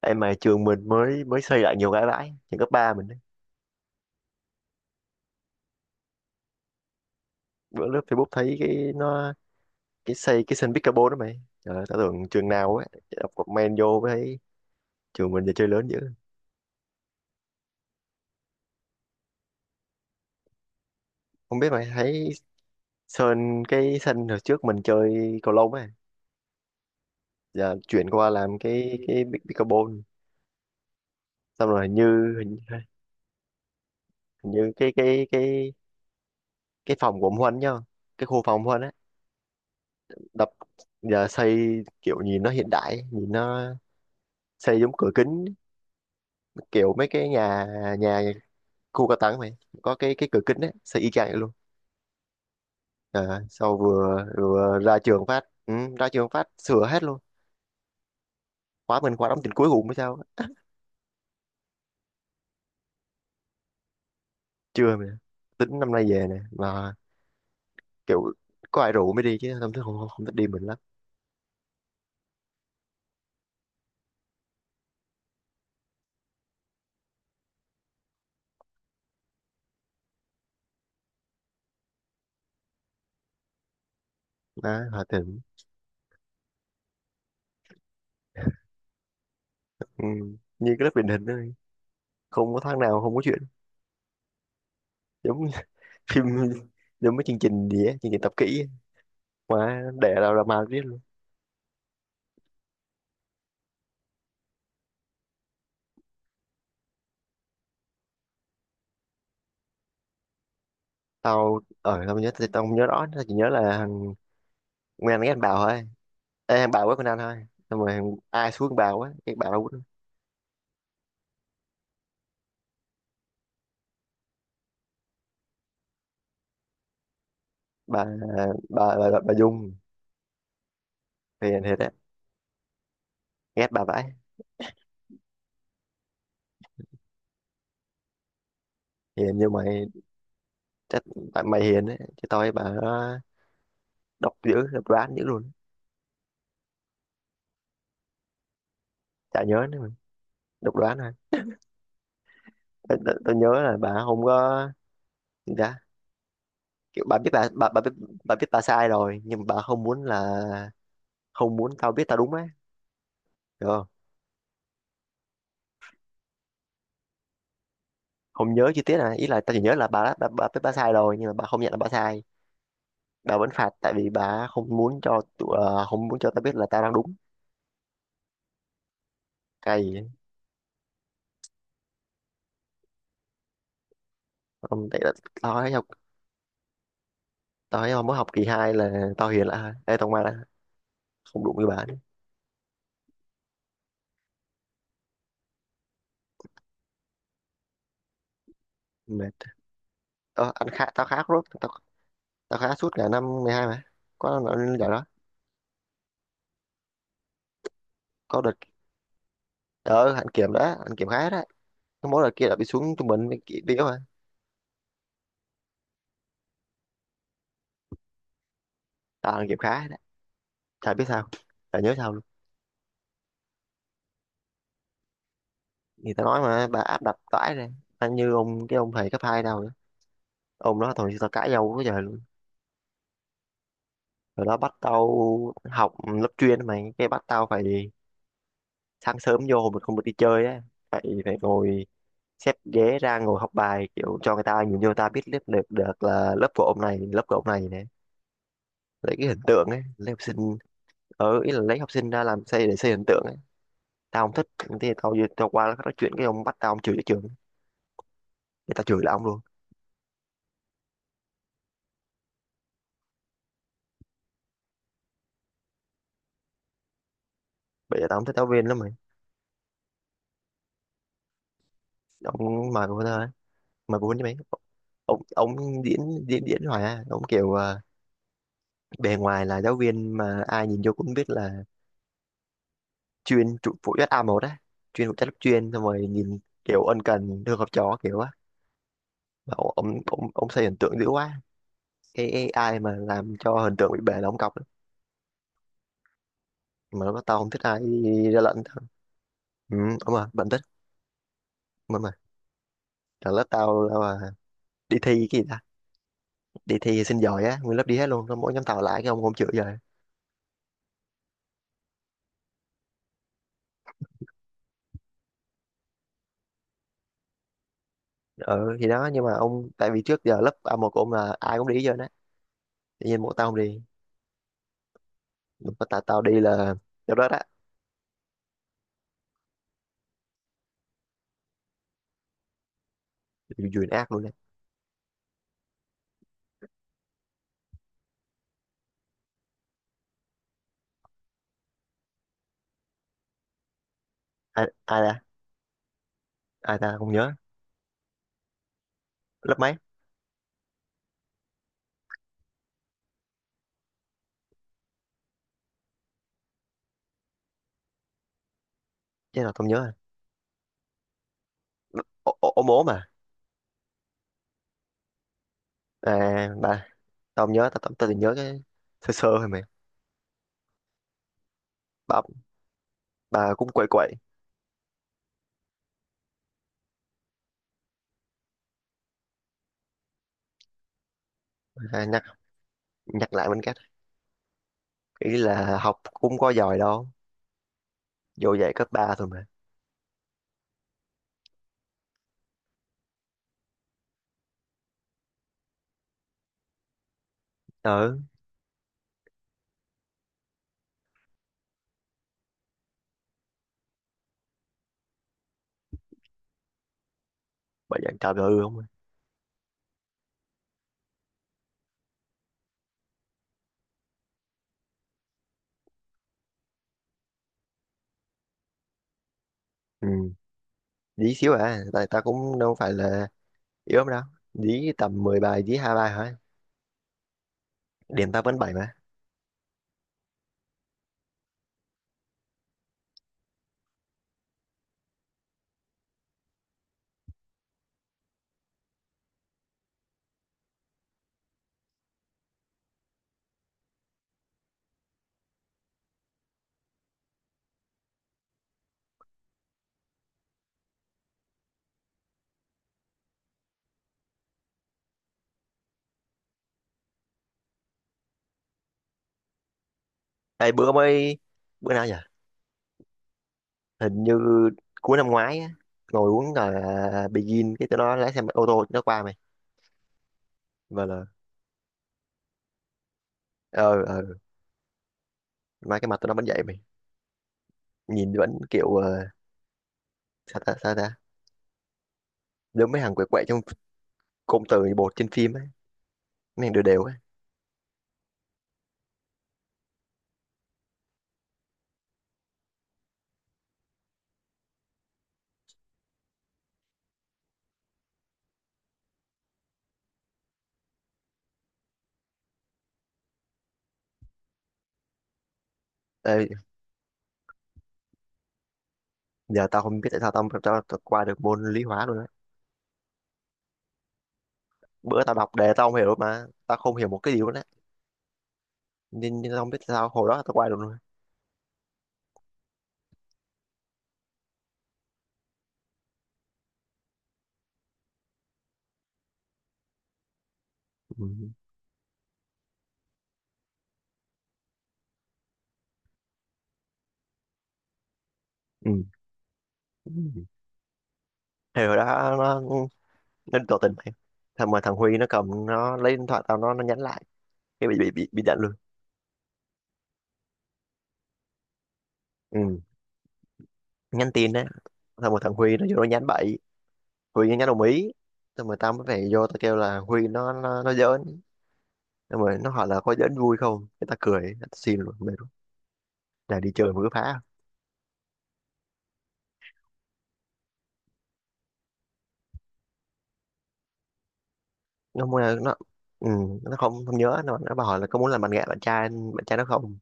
Em mà trường mình mới mới xây lại nhiều cái bãi trường cấp ba mình ấy. Bữa lướt Facebook thấy cái nó, cái xây cái sân pickleball đó mày, trời ơi tao tưởng trường nào ấy, đọc comment vô mới thấy trường mình giờ chơi lớn dữ. Không biết mày thấy sơn cái sân hồi trước mình chơi cầu lông ấy, giờ chuyển qua làm cái pickleball. Xong rồi hình như cái phòng của ông Huân nhá, cái khu phòng ông Huân á, đập giờ xây kiểu nhìn nó hiện đại, nhìn nó xây giống cửa kính, kiểu mấy cái nhà nhà khu cao đẳng mày, có cái cửa kính đấy, xây y chang vậy luôn. Sau vừa ra trường phát, ra trường phát sửa hết luôn. Khóa mình khóa đóng trình cuối cùng mới sao á. Chưa mày, tính năm nay về nè mà, kiểu có ai rủ mới đi chứ không thích đi mình lắm. Hòa Thịnh. Ừ. Như cái lớp truyền hình đó không có tháng nào không có chuyện, giống như phim, giống mấy chương trình gì á, chương trình tập kỹ á, mà để ra ra mà biết luôn. Tao không nhớ rõ, tao chỉ nhớ là thằng Nguyên ghét anh Bảo thôi. Ê, em bà quá con anh thôi. Xong rồi ai xuống bà quá cái bà đâu quýnh. Bà bà bà, bà, bà Dung hiền thiệt á, ghét bà vãi, hiền như mày. Chắc tại mày hiền đấy, chứ tôi bà đó độc đoán dữ luôn. Chả nhớ nữa mà, độc đoán thôi. Tôi nhớ là bà không có gì ta, kiểu bà biết, bà biết bà sai rồi nhưng mà bà không muốn tao biết tao đúng á, được không. Không nhớ chi tiết này, ý là tao chỉ nhớ là bà biết bà sai rồi nhưng mà bà không nhận là bà sai, bà vẫn phạt tại vì bà không muốn cho tao biết là tao đang đúng, cay. Không tại là tao thấy học tao thấy mới học kỳ 2 là tao hiền lại đây, tao mà là không đụng với bà nữa, mệt. Ờ, anh khá tao khá rốt tao, tao khá suốt cả năm 12 mà, có năm nào lên giải đó. Có đợt ở hạnh kiểm đó, hạnh kiểm khá đó, cái mối đợt kia là bị xuống trung bình bị yếu mà. Tao hạnh kiểm khá đó, chả biết sao, chả nhớ sao luôn. Thì tao nói mà bà áp đặt vãi rồi, anh như cái ông thầy cấp hai đâu nữa, ông đó thôi tao cãi nhau quá trời luôn. Rồi đó bắt tao học lớp chuyên mà, cái bắt tao phải sáng sớm vô hồi mình không được đi chơi á, phải phải ngồi xếp ghế ra ngồi học bài kiểu cho người ta nhìn vô người ta biết lớp được được là lớp của ông này, lớp của ông này này, lấy cái hình tượng ấy, lấy học sinh. Ở ý là lấy học sinh ra làm xây để xây hình tượng ấy, tao không thích, thì tao qua nói chuyện, cái ông bắt tao, ông chửi cái trường, thì tao chửi là ông luôn. Bây giờ tao không thích giáo viên lắm mày, ông mà của tao mà của với mày, ông diễn diễn diễn hoài à, ông kiểu bề ngoài là giáo viên mà ai nhìn vô cũng biết là chuyên trụ phụ trách A1 á, chuyên phụ trách lớp chuyên. Xong rồi nhìn kiểu ân cần thương học trò kiểu á, mà ông xây hình tượng dữ quá, cái ai mà làm cho hình tượng bị bể là ông cọc lắm. Mà lớp tao không thích ai ra lệnh tao, ừ, đúng rồi bạn thích, đúng rồi, là lớp tao là đi thi cái gì ta, đi thi xin giỏi á, nguyên lớp đi hết luôn xong mỗi nhóm tao lại, cái ông không chữa rồi. Ừ thì đó, nhưng mà ông tại vì trước giờ lớp A1 của ông là ai cũng đi hết trơn á, tự nhiên mỗi tao không đi, lúc mà tao tao đi là, lúc đó đó, Duyên ác luôn đấy. ai, ai ta Ai ta không nhớ, lớp mấy, chứ là tao không nhớ rồi. Ô, ô, Ốm ốm à, à bà, tao không nhớ, tao tao tao chỉ nhớ cái sơ sơ thôi mày. Bà bà cũng quậy quậy. À, nhắc nhắc lại bên cách, ý là học cũng có giỏi đâu, vô dạy cấp 3 thôi mà, ừ, bà dạy trời ơi không à. Ừ dí xíu à, tại ta cũng đâu phải là yếu lắm đâu, dí tầm 10 bài dí 2 bài thôi, điểm tao vẫn 7 mà. Ê, bữa mới, bữa nào nhỉ, hình như cuối năm ngoái á, ngồi uống là Begin cái tụi nó lái xe ô tô nó qua mày, và là ờ ờ mà cái mặt tụi nó vẫn vậy mày, nhìn vẫn kiểu sao ta sao ta, giống mấy thằng quậy quậy trong cụm từ bột trên phim ấy, mấy thằng đều đều ấy. Ê, giờ tao không biết tại sao tao qua được môn lý hóa luôn á, bữa tao đọc đề tao không hiểu mà tao không hiểu một cái gì luôn á, nên tao không biết tại sao hồi đó tao qua được luôn. Ừ. Ừ. Thì hồi đó nó tỏ tình mày, thằng Huy nó cầm nó lấy điện thoại tao, nó nhắn lại, cái bị đánh luôn. Ừ. Nhắn tin á, xong rồi thằng Huy nó vô nó nhắn bậy, Huy nó nhắn đồng ý, xong rồi tao mới phải vô tao kêu là Huy nó giỡn, xong rồi nó hỏi là có giỡn vui không, cái tao cười tao xin luôn mệt luôn, là đi chơi mà cứ phá. Nó muốn là Nó, ừ, nó không không nhớ, nó bảo hỏi là có muốn làm bạn gái, bạn trai nó không,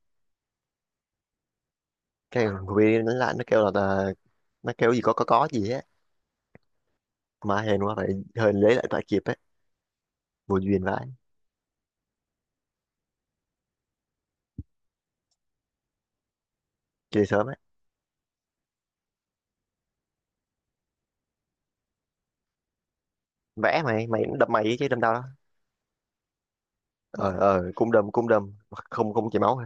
cái thằng Huy nó lại nó kêu là, nó kêu gì, có gì á, mà hên quá phải, hên lấy lại tại kịp á, vô duyên vãi. Chơi sớm á, vẽ mày mày cũng đâm mày chứ đâm tao đó, ờ cung đâm cung đâm, không không chảy máu.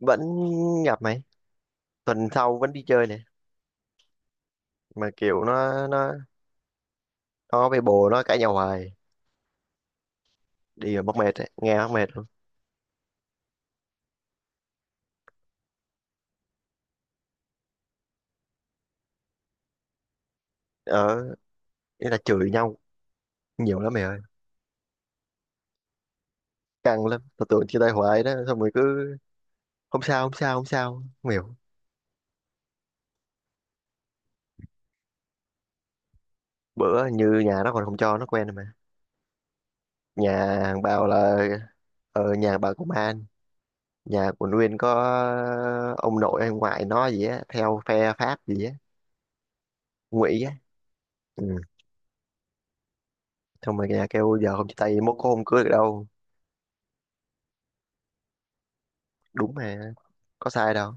Vẫn gặp mày, tuần sau vẫn đi chơi này, mà kiểu nó, nó với bồ nó cãi nhau hoài, đi rồi mắc mệt ấy. Nghe mắc mệt luôn, ở ý là chửi nhau nhiều lắm mày ơi, căng lắm tao tưởng chia tay hoài đó, xong rồi cứ không sao không sao không sao, không hiểu. Bữa như nhà nó còn không cho nó quen rồi mà, nhà hàng bảo là ở nhà bà công an, nhà của Nguyên có ông nội hay ngoại nó gì á theo phe Pháp gì á, Ngụy á, ừ. Xong rồi nhà kêu giờ không chia tay mốt có hôm cưới được đâu, đúng mà có sai đâu,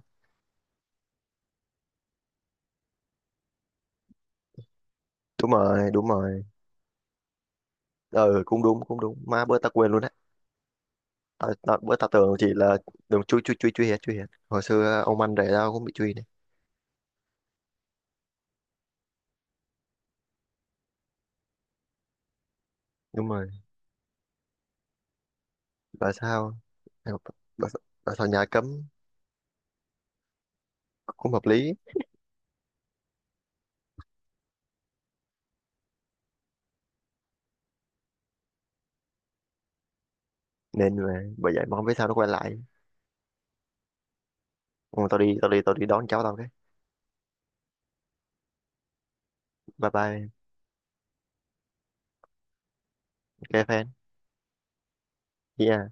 đúng rồi đúng rồi, ừ cũng đúng cũng đúng, má bữa ta quên luôn đấy, ta, ta, bữa ta tưởng chỉ là, đừng chui chui chui chui hết chui hết, hồi xưa ông anh rể tao cũng bị truy này, đúng rồi. Tại sao, tại tại- tại sao nhà cấm, cũng hợp lý, nên là bởi vậy mà không biết sao nó quay lại. Ừ, tao đi đón cháu tao cái, bye bye, cái fan, yeah.